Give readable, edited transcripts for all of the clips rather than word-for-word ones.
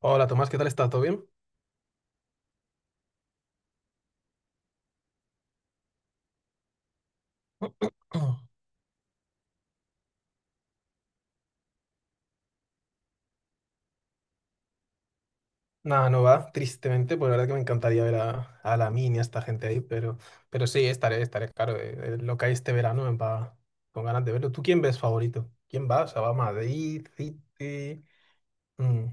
Hola Tomás, ¿qué tal estás? ¿Todo bien? Nada, no va, tristemente, pues la verdad que me encantaría ver a la mini, a esta gente ahí, pero sí, estaré, claro, lo que hay este verano me va con ganas de verlo. ¿Tú quién ves favorito? ¿Quién va? O sea, va a Madrid, City... Mm.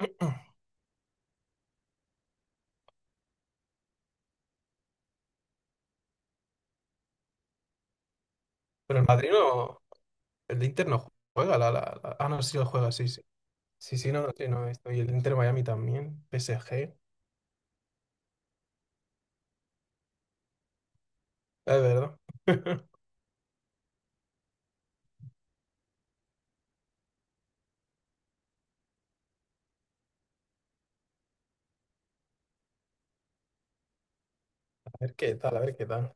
Pero el Madrid no, el de Inter no juega, ah, no, sí lo juega, sí, sí. Sí, sí, no, no, sí, no, estoy, el Inter Miami también, PSG, es verdad. A ver qué tal, a ver qué tal.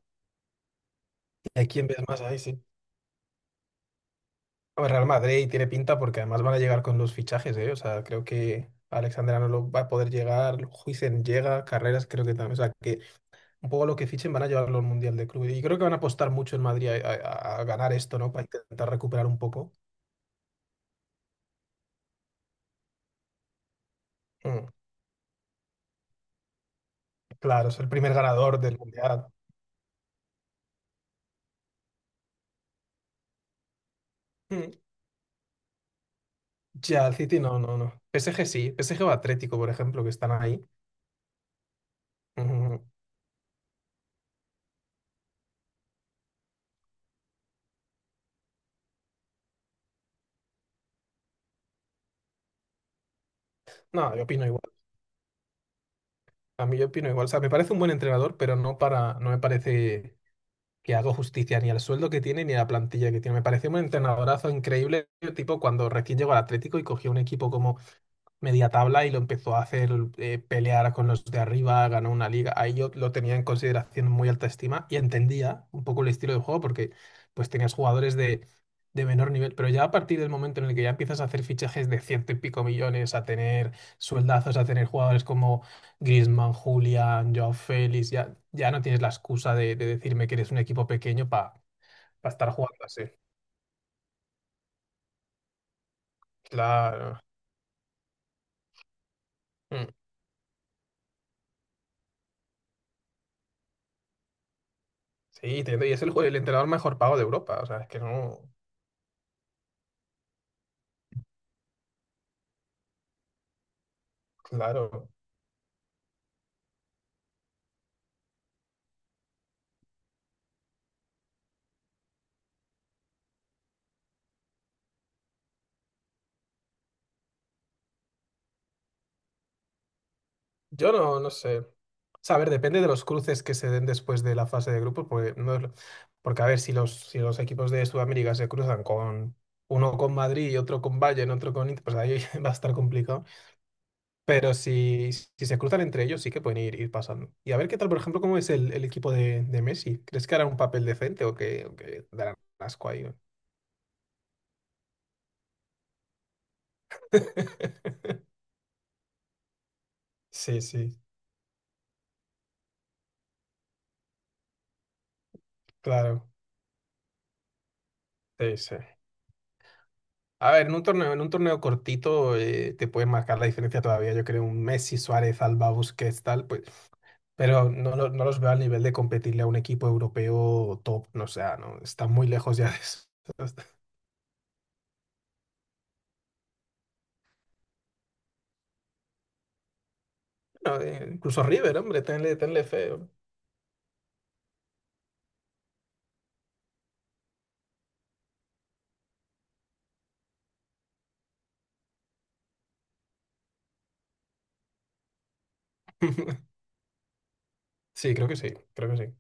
¿Y a quién ves más ahí, sí? Real Madrid tiene pinta porque además van a llegar con los fichajes, ¿eh? O sea, creo que Alexander Arnold va a poder llegar, Huijsen llega, Carreras creo que también. O sea, que un poco lo que fichen van a llevarlo al Mundial de Clubes. Y creo que van a apostar mucho en Madrid a, a ganar esto, ¿no? Para intentar recuperar un poco. Mm, claro, es el primer ganador del Mundial. Mm, ya, el City no, no, no. PSG sí, PSG o Atlético, por ejemplo, que están ahí. Mm, no, yo opino igual. A mí yo opino igual. O sea, me parece un buen entrenador, pero no para, no me parece que hago justicia ni al sueldo que tiene ni a la plantilla que tiene. Me pareció un entrenadorazo increíble, tipo cuando recién llegó al Atlético y cogió un equipo como media tabla y lo empezó a hacer pelear con los de arriba, ganó una liga. Ahí yo lo tenía en consideración muy alta estima y entendía un poco el estilo de juego porque pues tenías jugadores de menor nivel, pero ya a partir del momento en el que ya empiezas a hacer fichajes de ciento y pico millones, a tener sueldazos, a tener jugadores como Griezmann, Julián, Joao Félix, ya no tienes la excusa de decirme que eres un equipo pequeño para estar jugando así. Claro. Mm. Sí, entiendo. Y es el entrenador mejor pago de Europa. O sea, es que no. Claro, yo no, no sé. O sea, a ver, depende de los cruces que se den después de la fase de grupos, porque no es lo- porque a ver, si los, si los equipos de Sudamérica se cruzan con uno con Madrid y otro con Bayern, otro con Inter, pues ahí va a estar complicado. Pero si se cruzan entre ellos, sí que pueden ir, ir pasando. Y a ver qué tal, por ejemplo, cómo es el equipo de Messi. ¿Crees que hará un papel decente o que darán asco ahí? Sí, sí, claro. Sí, sí. A ver, en un torneo cortito te pueden marcar la diferencia todavía. Yo creo un Messi, Suárez, Alba, Busquets, tal, pues, pero no, no los veo al nivel de competirle a un equipo europeo top. No, o sea, no, están muy lejos ya de eso. No, incluso River, hombre, tenle fe, hombre. Sí, creo que sí, creo que sí.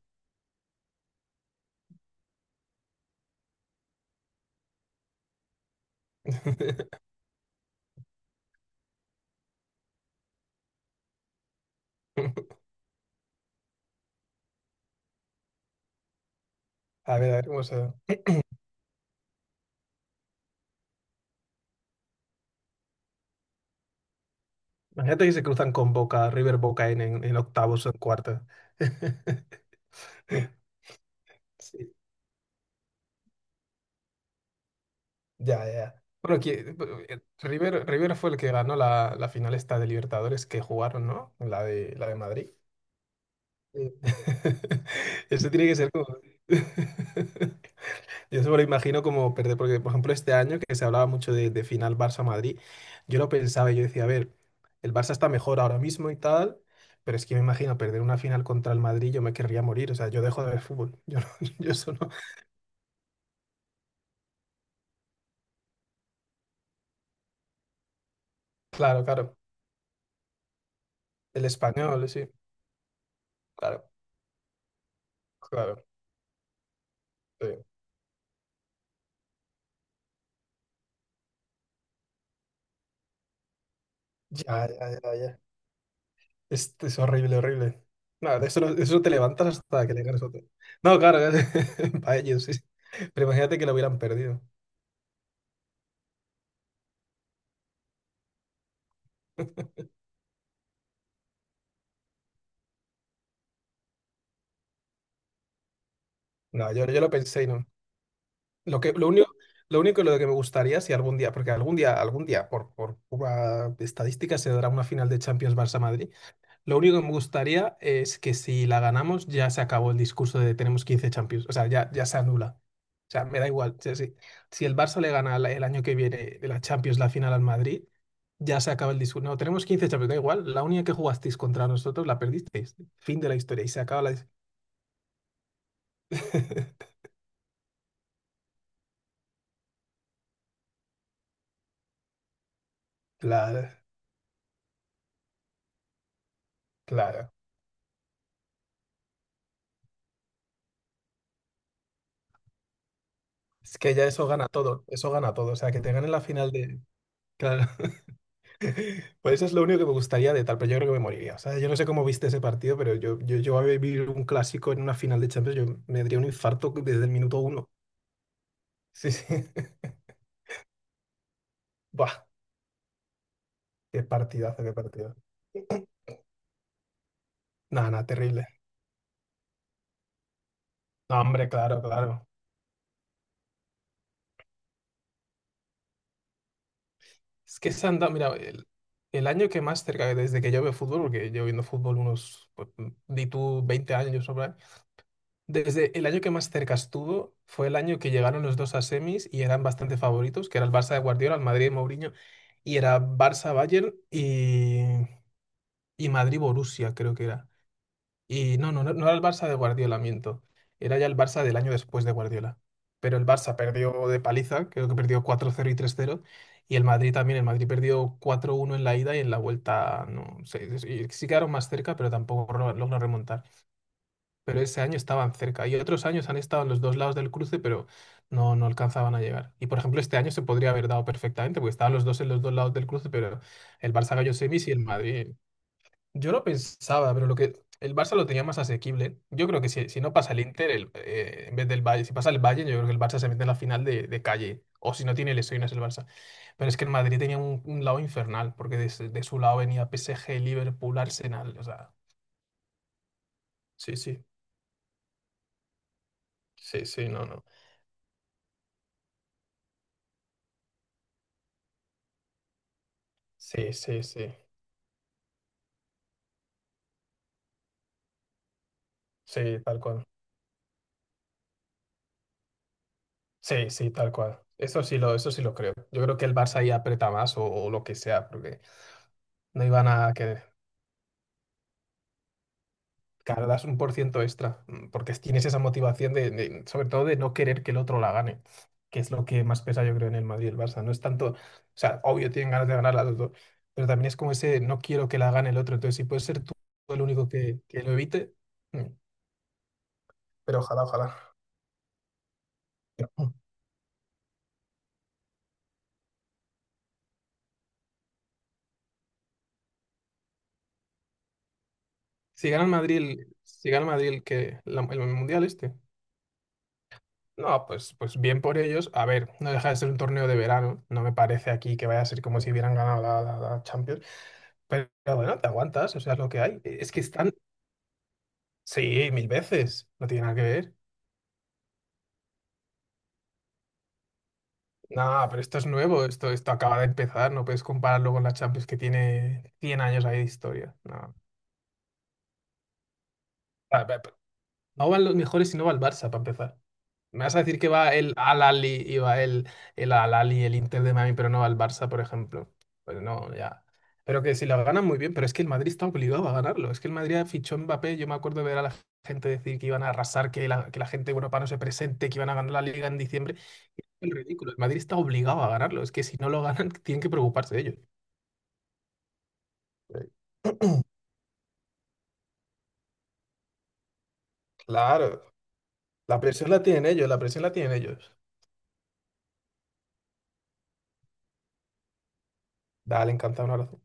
A ver cómo se. Imagínate que se cruzan con Boca, River Boca en octavos o en cuartos. Sí, ya, ya. Bueno, que, pues, River fue el que ganó la final esta de Libertadores que jugaron, ¿no? La de Madrid. Sí. Eso tiene que ser como... Yo se me lo imagino como perder, porque por ejemplo este año que se hablaba mucho de final Barça-Madrid, yo lo pensaba y yo decía, a ver, el Barça está mejor ahora mismo y tal, pero es que me imagino perder una final contra el Madrid, yo me querría morir, o sea, yo dejo de ver fútbol, yo, no- yo eso no. Claro, claro, el español, sí, claro, claro, sí. Ya, ya, ya, ya. Es horrible, horrible. No, de eso, de eso te levantas hasta que le ganes otro. No, claro, para ellos, sí. Pero imagínate que lo hubieran perdido. No, yo lo pensé y no. Lo que, lo único, lo único lo que me gustaría si algún día, porque algún día, por pura estadística, se dará una final de Champions Barça-Madrid. Lo único que me gustaría es que si la ganamos ya se acabó el discurso de tenemos 15 Champions. O sea, ya se anula. O sea, me da igual. O sea, si el Barça le gana el año que viene de la Champions la final al Madrid, ya se acaba el discurso. No, tenemos 15 Champions, da igual. La única que jugasteis contra nosotros la perdisteis. Fin de la historia y se acaba la. Claro, claro. Es que ya eso gana todo. Eso gana todo. O sea, que te gane la final. Claro. Pues eso es lo único que me gustaría de tal, pero yo creo que me moriría. O sea, yo no sé cómo viste ese partido, pero yo a vivir un clásico en una final de Champions, yo me daría un infarto desde el minuto uno. Sí, sí. Buah, qué partidazo, qué partido. Nada, nada, terrible. No, hombre, claro, claro. Es que se han dado, mira, el año que más cerca, desde que yo veo fútbol, porque yo viendo fútbol unos, pues, di tú 20 años, ¿no? Desde el año que más cerca estuvo fue el año que llegaron los dos a semis y eran bastante favoritos, que era el Barça de Guardiola, el Madrid de Mourinho, y era Barça-Bayern y Madrid-Borussia, creo que era. Y no, no era el Barça de Guardiola, miento. Era ya el Barça del año después de Guardiola. Pero el Barça perdió de paliza, creo que perdió 4-0 y 3-0. Y el Madrid también, el Madrid perdió 4-1 en la ida y en la vuelta, no sé, sí sí sí, sí quedaron más cerca, pero tampoco lograron remontar, pero ese año estaban cerca. Y otros años han estado en los dos lados del cruce, pero no alcanzaban a llegar. Y por ejemplo, este año se podría haber dado perfectamente, porque estaban los dos en los dos lados del cruce, pero el Barça cayó semis y el Madrid. Yo lo pensaba, pero lo que el Barça lo tenía más asequible. Yo creo que si no pasa el Inter, en vez del Bayern si pasa el Bayern yo creo que el Barça se mete en la final de calle. O si no tiene lesiones el Barça. Pero es que el Madrid tenía un lado infernal, porque de su lado venía PSG, Liverpool, Arsenal. O sea, sí, sí, sí, sí, no, no. Sí, sí, sí, sí, tal cual. Sí, sí, tal cual. Eso sí lo creo. Yo creo que el Barça ahí aprieta más o lo que sea, porque no iban a que cargas 1% extra, porque tienes esa motivación de, sobre todo de no querer que el otro la gane, que es lo que más pesa yo creo en el Madrid y el Barça. No es tanto, o sea, obvio tienen ganas de ganar las dos, pero también es como ese no quiero que la gane el otro. Entonces, si puedes ser tú el único que lo evite, mm, pero ojalá, ojalá. Si gana el Madrid el Mundial este. No, pues bien por ellos. A ver, no deja de ser un torneo de verano. No me parece aquí que vaya a ser como si hubieran ganado la, la Champions. Pero bueno, te aguantas, o sea, es lo que hay. Es que están, sí, mil veces. No tiene nada que ver. No, pero esto es nuevo, esto acaba de empezar. No puedes compararlo con la Champions que tiene 100 años ahí de historia. No, Ah, pe- pe- no van los mejores y no va el Barça para empezar. Me vas a decir que va el Al-Ali y va el Al-Ali, el Inter de Miami, pero no va el Barça, por ejemplo. Pues no, ya. Pero que si lo ganan muy bien, pero es que el Madrid está obligado a ganarlo. Es que el Madrid fichó a Mbappé. Yo me acuerdo de ver a la gente decir que iban a arrasar, que la gente europea no se presente, que iban a ganar la Liga en diciembre. Es ridículo. El Madrid está obligado a ganarlo. Es que si no lo ganan, tienen que preocuparse de ellos. Claro, la presión la tienen ellos, la presión la tienen ellos. Dale, encantado, un abrazo.